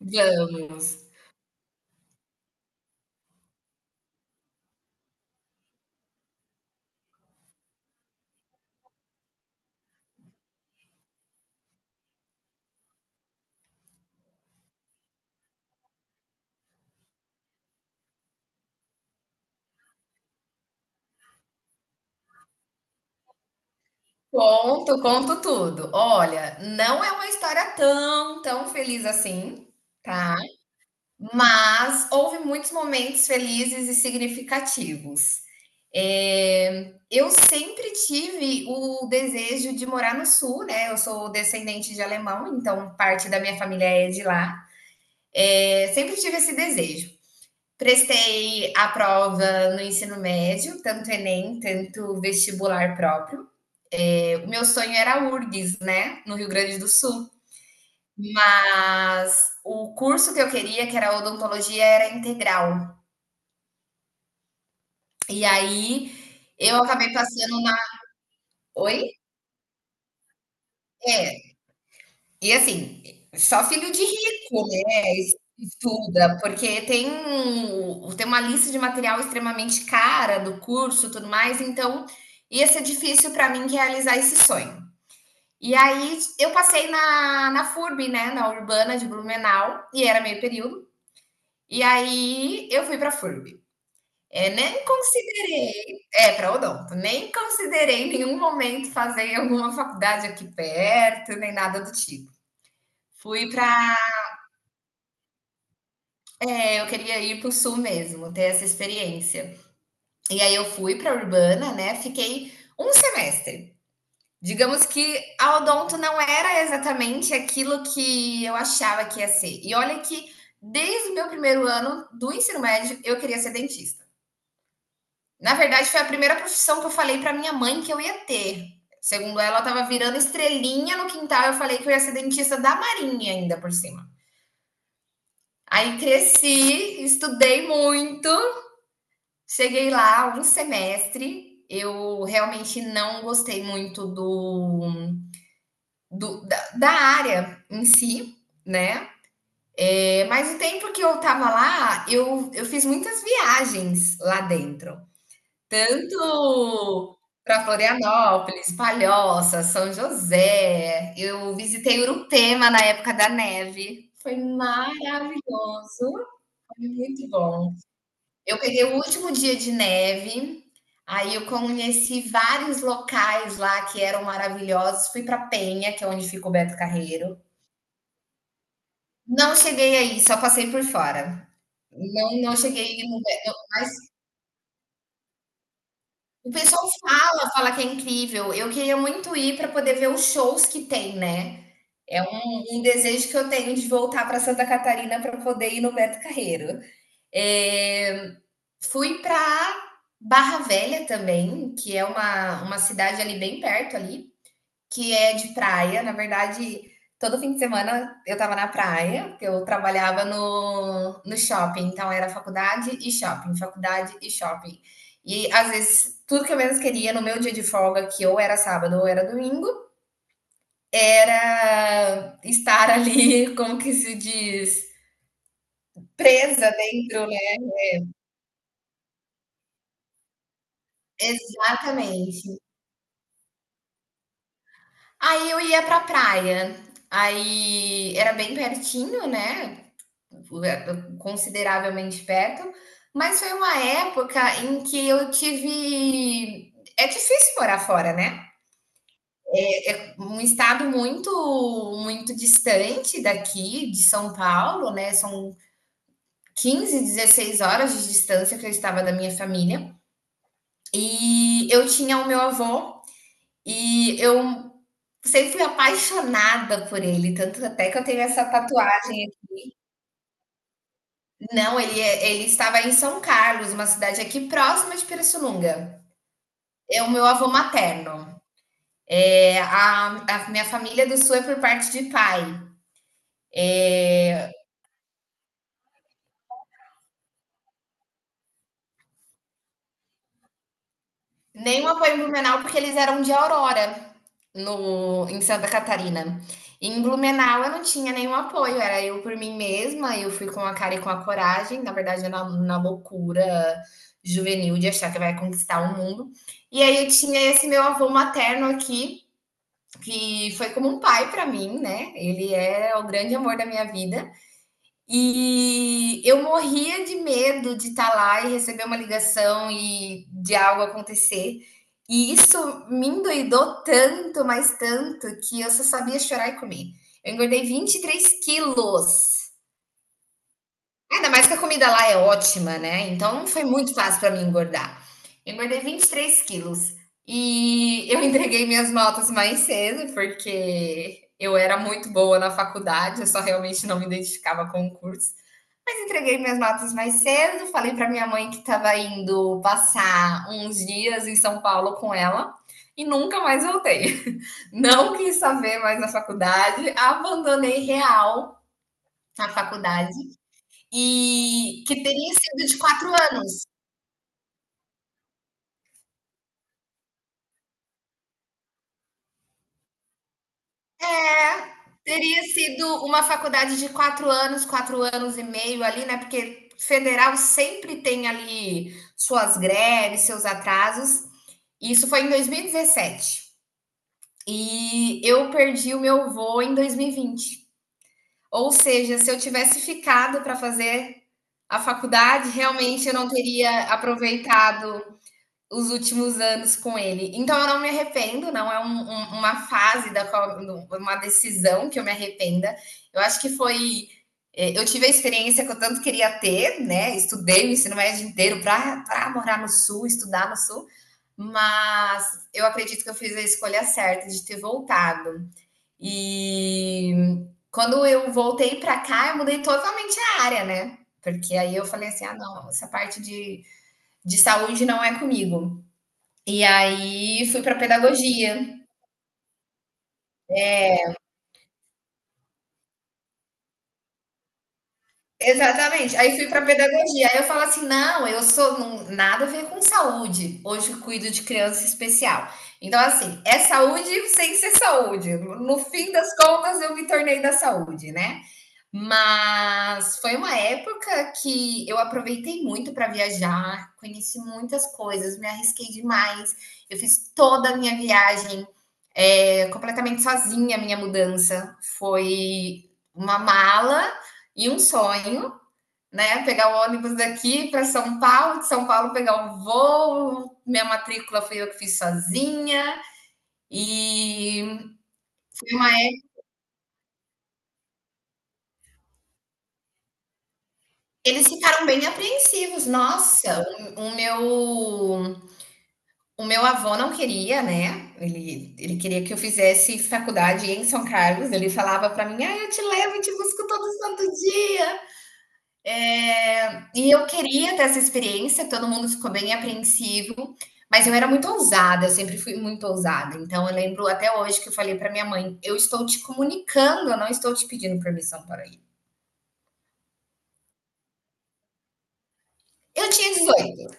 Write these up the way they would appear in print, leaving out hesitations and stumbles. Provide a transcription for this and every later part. Vamos. Conto, conto tudo. Olha, não é uma história tão, tão feliz assim, tá? Mas houve muitos momentos felizes e significativos. Eu sempre tive o desejo de morar no sul, né? Eu sou descendente de alemão, então parte da minha família é de lá. É, sempre tive esse desejo. Prestei a prova no ensino médio, tanto Enem, tanto vestibular próprio. Meu sonho era a URGS, né, no Rio Grande do Sul. Mas o curso que eu queria, que era odontologia, era integral. E aí eu acabei passando na... Oi? É. E assim, só filho de rico, né, estuda, porque tem uma lista de material extremamente cara do curso, tudo mais, então ia ser difícil para mim realizar esse sonho. E aí eu passei na FURB, né, na Urbana de Blumenau, e era meio período. E aí eu fui para a FURB. É, nem considerei, é, para odonto, nem considerei em nenhum momento fazer alguma faculdade aqui perto, nem nada do tipo. Fui para, é, eu queria ir para o sul mesmo, ter essa experiência. E aí eu fui para Urbana, né? Fiquei um semestre. Digamos que a odonto não era exatamente aquilo que eu achava que ia ser. E olha que desde o meu primeiro ano do ensino médio eu queria ser dentista. Na verdade, foi a primeira profissão que eu falei para minha mãe que eu ia ter. Segundo ela, ela estava virando estrelinha no quintal. Eu falei que eu ia ser dentista da Marinha ainda por cima. Aí cresci, estudei muito, cheguei lá um semestre. Eu realmente não gostei muito da área em si, né? É, mas o tempo que eu tava lá, eu fiz muitas viagens lá dentro. Tanto para Florianópolis, Palhoça, São José. Eu visitei Urupema na época da neve. Foi maravilhoso, foi muito bom. Eu peguei o último dia de neve, aí eu conheci vários locais lá que eram maravilhosos. Fui para Penha, que é onde fica o Beto Carreiro. Não cheguei aí, só passei por fora. Não, não cheguei no Beto, mas o pessoal fala, fala que é incrível. Eu queria muito ir para poder ver os shows que tem, né. É um desejo que eu tenho de voltar para Santa Catarina para poder ir no Beto Carreiro. Eh, fui para Barra Velha também, que é uma cidade ali bem perto ali que é de praia. Na verdade, todo fim de semana eu estava na praia, porque eu trabalhava no shopping. Então, era faculdade e shopping, faculdade e shopping. E às vezes, tudo que eu menos queria no meu dia de folga, que ou era sábado ou era domingo, era estar ali, como que se diz? Presa dentro, né? Exatamente. Aí eu ia pra praia. Aí era bem pertinho, né? Consideravelmente perto, mas foi uma época em que eu tive. É difícil morar fora, né? Um estado muito, muito distante daqui, de São Paulo, né? São 15, 16 horas de distância que eu estava da minha família. E eu tinha o meu avô e eu sempre fui apaixonada por ele, tanto até que eu tenho essa tatuagem. Não, ele, é, ele estava em São Carlos, uma cidade aqui próxima de Pirassununga. É o meu avô materno. É, a minha família do sul é por parte de pai. Nenhuma foi em Blumenau porque eles eram de Aurora, no, em Santa Catarina. Em Blumenau eu não tinha nenhum apoio, era eu por mim mesma, eu fui com a cara e com a coragem, na verdade na loucura juvenil de achar que vai conquistar o mundo. E aí eu tinha esse meu avô materno aqui, que foi como um pai para mim, né? Ele é o grande amor da minha vida. E eu morria de medo de estar lá e receber uma ligação e de algo acontecer. E isso me endoidou tanto, mas tanto, que eu só sabia chorar e comer. Eu engordei 23 quilos. Ainda mais que a comida lá é ótima, né? Então não foi muito fácil para mim engordar. Eu engordei 23 quilos. E eu entreguei minhas notas mais cedo, porque eu era muito boa na faculdade, eu só realmente não me identificava com o curso. Mas entreguei minhas notas mais cedo, falei para minha mãe que estava indo passar uns dias em São Paulo com ela e nunca mais voltei. Não quis saber mais da faculdade, abandonei real a faculdade e que teria sido de 4 anos. É, teria sido uma faculdade de 4 anos, 4 anos e meio ali, né? Porque federal sempre tem ali suas greves, seus atrasos. Isso foi em 2017. E eu perdi o meu voo em 2020. Ou seja, se eu tivesse ficado para fazer a faculdade, realmente eu não teria aproveitado os últimos anos com ele. Então eu não me arrependo, não é um, um, uma fase da qual, uma decisão que eu me arrependa. Eu acho que foi. Eu tive a experiência que eu tanto queria ter, né? Estudei o ensino médio inteiro para morar no sul, estudar no sul, mas eu acredito que eu fiz a escolha certa de ter voltado. E quando eu voltei para cá, eu mudei totalmente a área, né? Porque aí eu falei assim: ah, não, essa parte de saúde não é comigo. E aí fui para pedagogia. Exatamente. Aí fui para pedagogia. Aí eu falo assim: não, eu sou nada a ver com saúde. Hoje eu cuido de criança especial. Então, assim, é saúde sem ser saúde. No fim das contas, eu me tornei da saúde, né? Mas foi uma época que eu aproveitei muito para viajar, conheci muitas coisas, me arrisquei demais. Eu fiz toda a minha viagem, completamente sozinha, a minha mudança. Foi uma mala e um sonho, né, pegar o ônibus daqui para São Paulo, de São Paulo pegar o voo, minha matrícula foi eu que fiz sozinha. E foi uma é Eles ficaram bem apreensivos. Nossa, o meu O meu avô não queria, né? Ele queria que eu fizesse faculdade em São Carlos. Ele falava para mim: ah, eu te levo e te busco todo santo dia. É, e eu queria ter essa experiência. Todo mundo ficou bem apreensivo, mas eu era muito ousada. Eu sempre fui muito ousada. Então eu lembro até hoje que eu falei para minha mãe: eu estou te comunicando, eu não estou te pedindo permissão para ir. Eu tinha 18.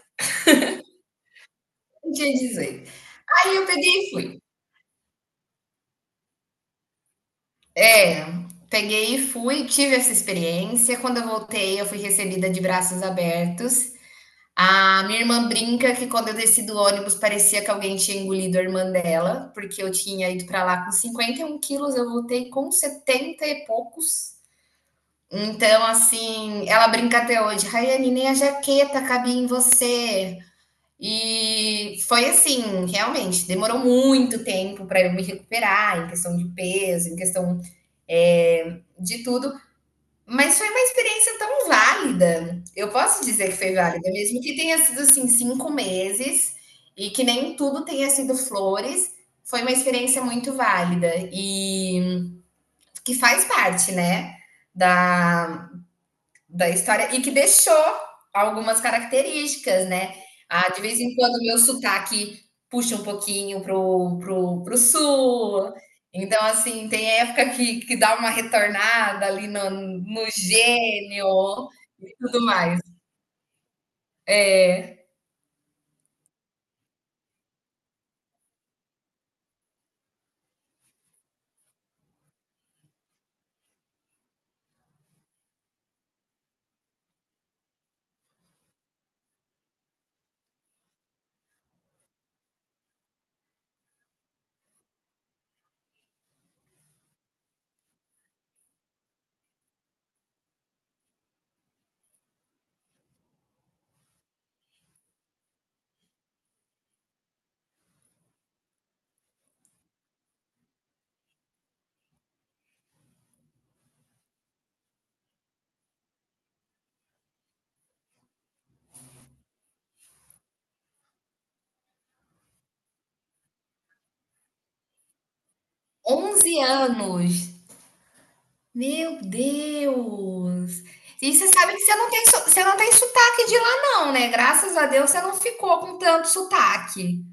Eu tinha 18. Aí eu peguei e fui. É, peguei e fui, tive essa experiência. Quando eu voltei, eu fui recebida de braços abertos. A minha irmã brinca que quando eu desci do ônibus parecia que alguém tinha engolido a irmã dela, porque eu tinha ido para lá com 51 quilos, eu voltei com 70 e poucos. Então, assim, ela brinca até hoje, Rayane, nem a jaqueta cabia em você. E foi assim, realmente, demorou muito tempo para eu me recuperar em questão de peso, em questão de tudo. Mas foi uma experiência tão válida. Eu posso dizer que foi válida, mesmo que tenha sido assim 5 meses e que nem tudo tenha sido flores. Foi uma experiência muito válida e que faz parte, né, da, da história e que deixou algumas características, né? Ah, de vez em quando o meu sotaque puxa um pouquinho pro sul. Então, assim, tem época que dá uma retornada ali no gênio e tudo mais. É. 11 anos. Meu Deus! E você sabe que você não tem, você não tem sotaque de lá, não, né? Graças a Deus você não ficou com tanto sotaque.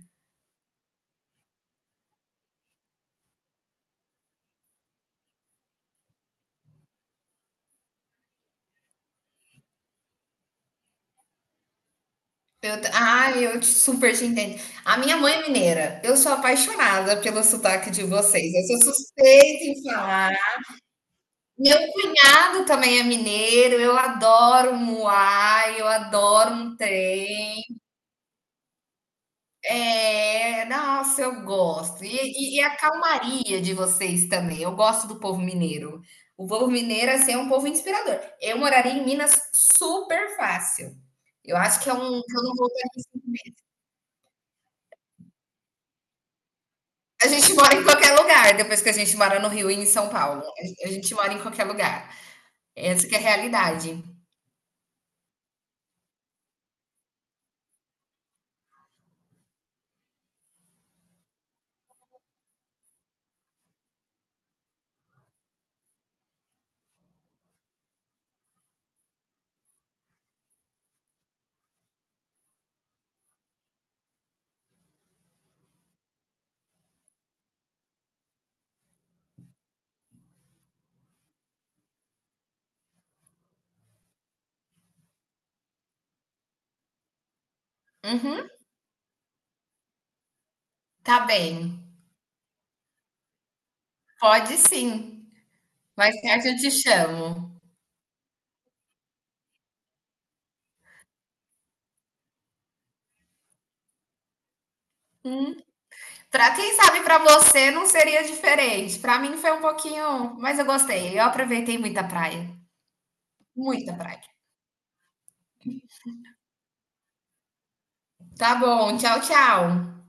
Eu, ai, super te entendo. A minha mãe é mineira. Eu sou apaixonada pelo sotaque de vocês. Eu sou suspeita em falar. Meu cunhado também é mineiro. Eu adoro um muai, eu adoro um trem. É, nossa, eu gosto. E a calmaria de vocês também. Eu gosto do povo mineiro. O povo mineiro, assim, é um povo inspirador. Eu moraria em Minas super fácil. Eu acho que é um que eu não voltaria. Assim, a gente mora em qualquer lugar, depois que a gente mora no Rio e em São Paulo. A gente mora em qualquer lugar. Essa que é a realidade. Uhum, tá bem. Pode sim. Mais tarde eu te chamo. Pra quem sabe, pra você não seria diferente. Pra mim foi um pouquinho, mas eu gostei. Eu aproveitei muita praia. Muita praia. Tá bom, tchau, tchau.